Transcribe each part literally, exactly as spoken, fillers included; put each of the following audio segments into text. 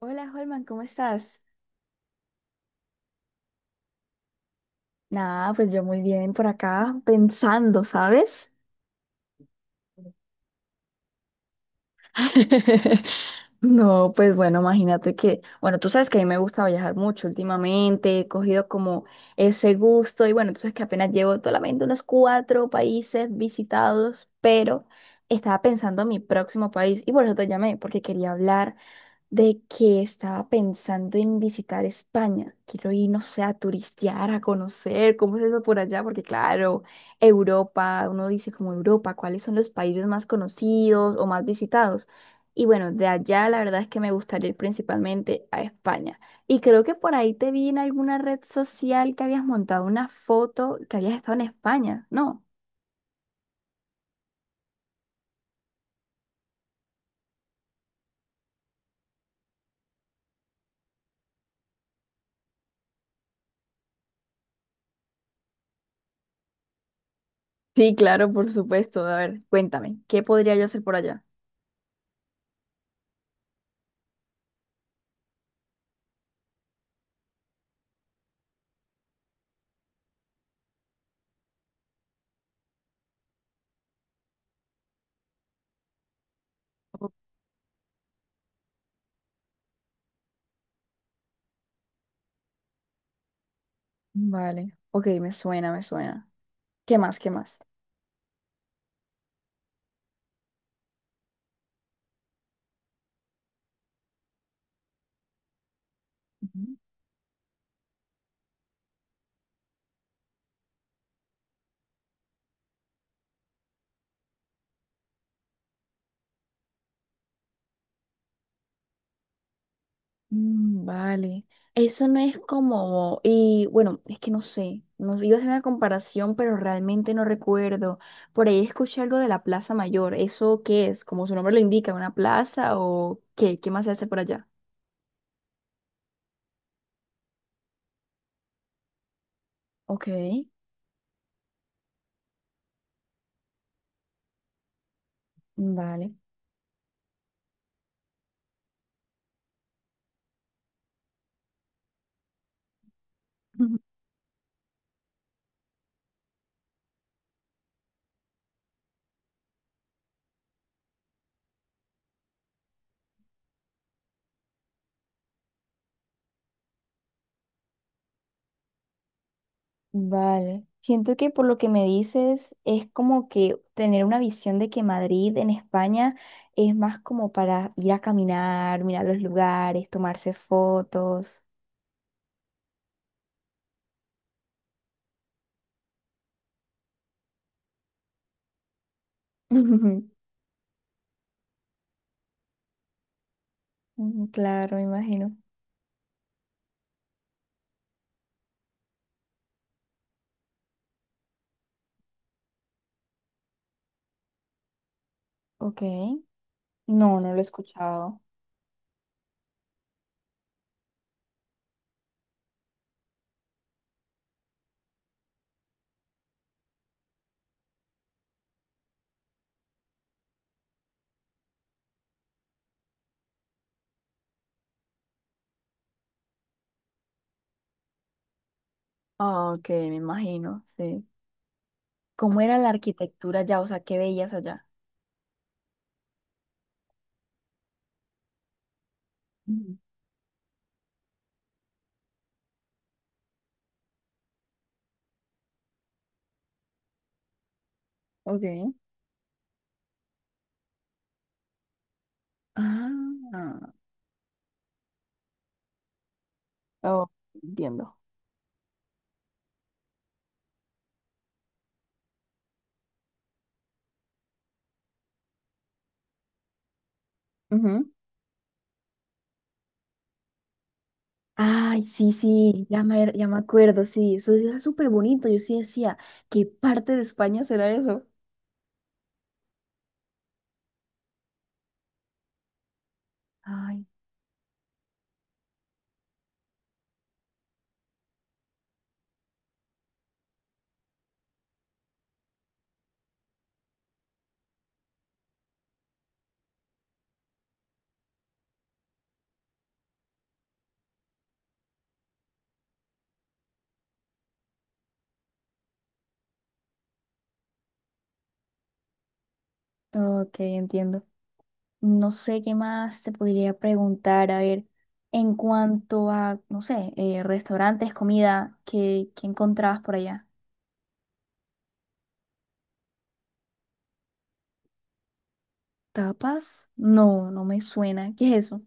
Hola, Holman, ¿cómo estás? Nada, pues yo muy bien por acá pensando, ¿sabes? No, pues bueno, imagínate que, bueno, tú sabes que a mí me gusta viajar mucho últimamente, he cogido como ese gusto y bueno, tú sabes que apenas llevo solamente unos cuatro países visitados, pero estaba pensando en mi próximo país y por eso te llamé, porque quería hablar de que estaba pensando en visitar España. Quiero ir, no sé, a turistear, a conocer cómo es eso por allá, porque claro, Europa, uno dice como Europa, ¿cuáles son los países más conocidos o más visitados? Y bueno, de allá la verdad es que me gustaría ir principalmente a España. Y creo que por ahí te vi en alguna red social que habías montado una foto que habías estado en España, ¿no? Sí, claro, por supuesto. A ver, cuéntame, ¿qué podría yo hacer por allá? Vale, ok, me suena, me suena. ¿Qué más? ¿Qué más? Ujú. Mm, vale. Eso no es como, y bueno, es que no sé, no, iba a hacer una comparación, pero realmente no recuerdo. Por ahí escuché algo de la Plaza Mayor. ¿Eso qué es? Como su nombre lo indica, ¿una plaza o qué? ¿Qué más se hace por allá? Ok, vale. Ujú. Vale. Siento que por lo que me dices es como que tener una visión de que Madrid en España es más como para ir a caminar, mirar los lugares, tomarse fotos. Mm, claro, me imagino. Ok. No, no lo he escuchado. Ah, ok, me imagino, sí. ¿Cómo era la arquitectura allá? O sea, ¿qué veías allá? Ujú. Ok. Ah, oh, entiendo. Ujú. Ay, sí, sí, ya me, ya me acuerdo, sí, eso era súper bonito. Yo sí decía, ¿qué parte de España será eso? Ay, ok, entiendo. No sé qué más te podría preguntar. A ver, en cuanto a, no sé, eh, restaurantes, comida, ¿qué, qué encontrabas por allá? ¿Tapas? No, no me suena. ¿Qué es eso?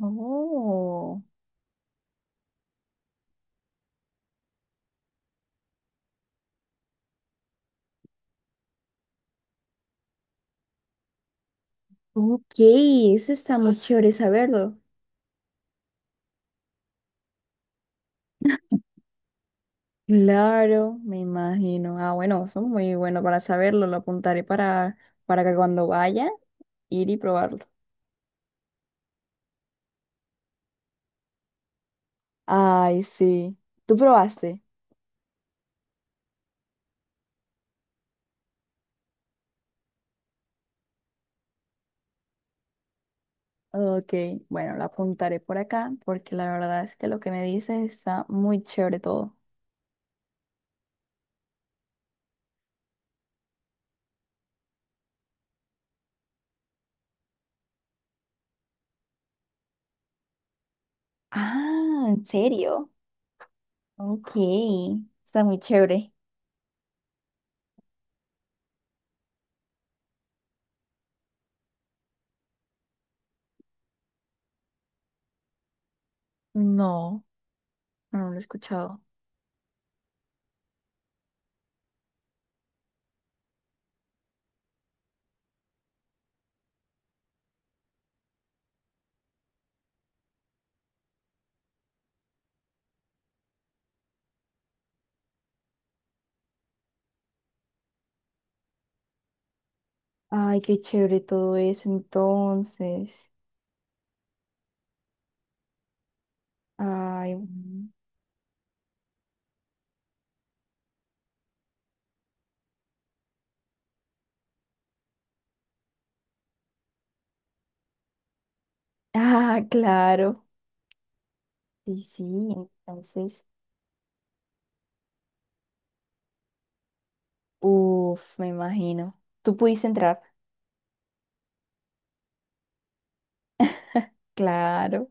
Oh, ok, eso está muy chévere saberlo. Claro, me imagino. Ah, bueno, eso es muy bueno para saberlo. Lo apuntaré para, para que cuando vaya, ir y probarlo. Ay, sí. ¿Tú probaste? Ok, bueno, la apuntaré por acá porque la verdad es que lo que me dices está muy chévere todo. Ah, ¿en serio? Ok, está muy chévere. No, no lo he escuchado. Ay, qué chévere todo eso entonces. Ay, mm. Ah, claro. Sí, sí, entonces. Uf, me imagino. ¿Tú pudiste entrar? Claro.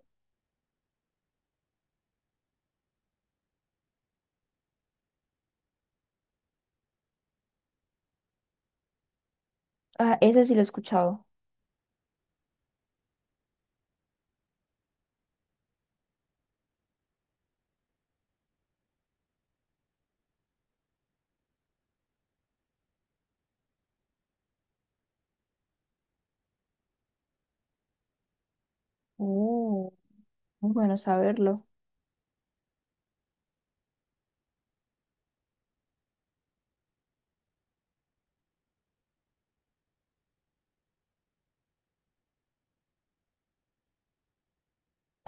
Ah, ese sí lo he escuchado. Uh, muy bueno saberlo.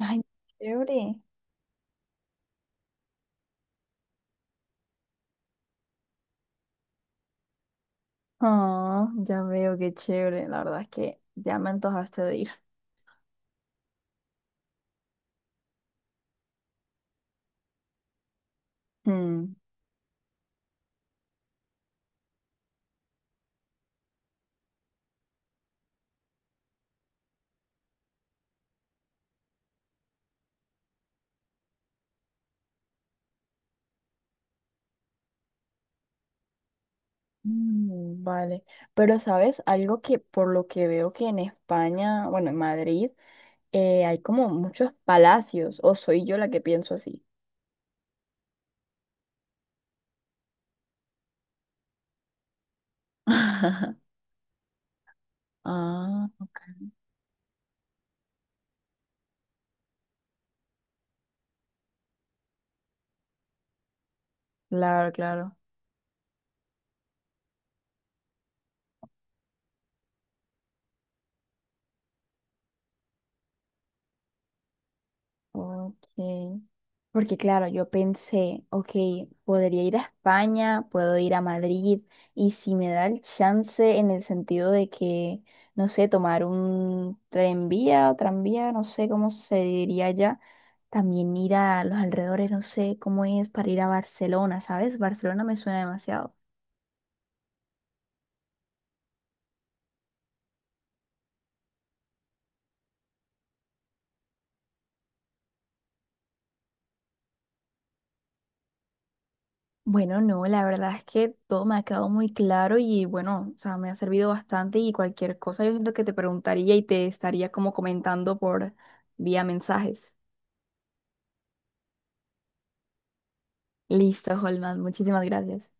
Ay, chévere. Oh, ya veo, qué chévere. La verdad es que ya me antojaste de ir. Mm, mm, vale. Pero, ¿sabes? Algo que por lo que veo que en España, bueno, en Madrid, eh, hay como muchos palacios. ¿O soy yo la que pienso así? Ah, ok. Claro, claro. Ok. Porque claro, yo pensé, ok, podría ir a España, puedo ir a Madrid, y si me da el chance en el sentido de que, no sé, tomar un tranvía o tranvía, no sé cómo se diría ya, también ir a los alrededores, no sé cómo es para ir a Barcelona, ¿sabes? Barcelona me suena demasiado. Bueno, no, la verdad es que todo me ha quedado muy claro y bueno, o sea, me ha servido bastante y cualquier cosa yo siento que te preguntaría y te estaría como comentando por vía mensajes. Listo, Holman, muchísimas gracias.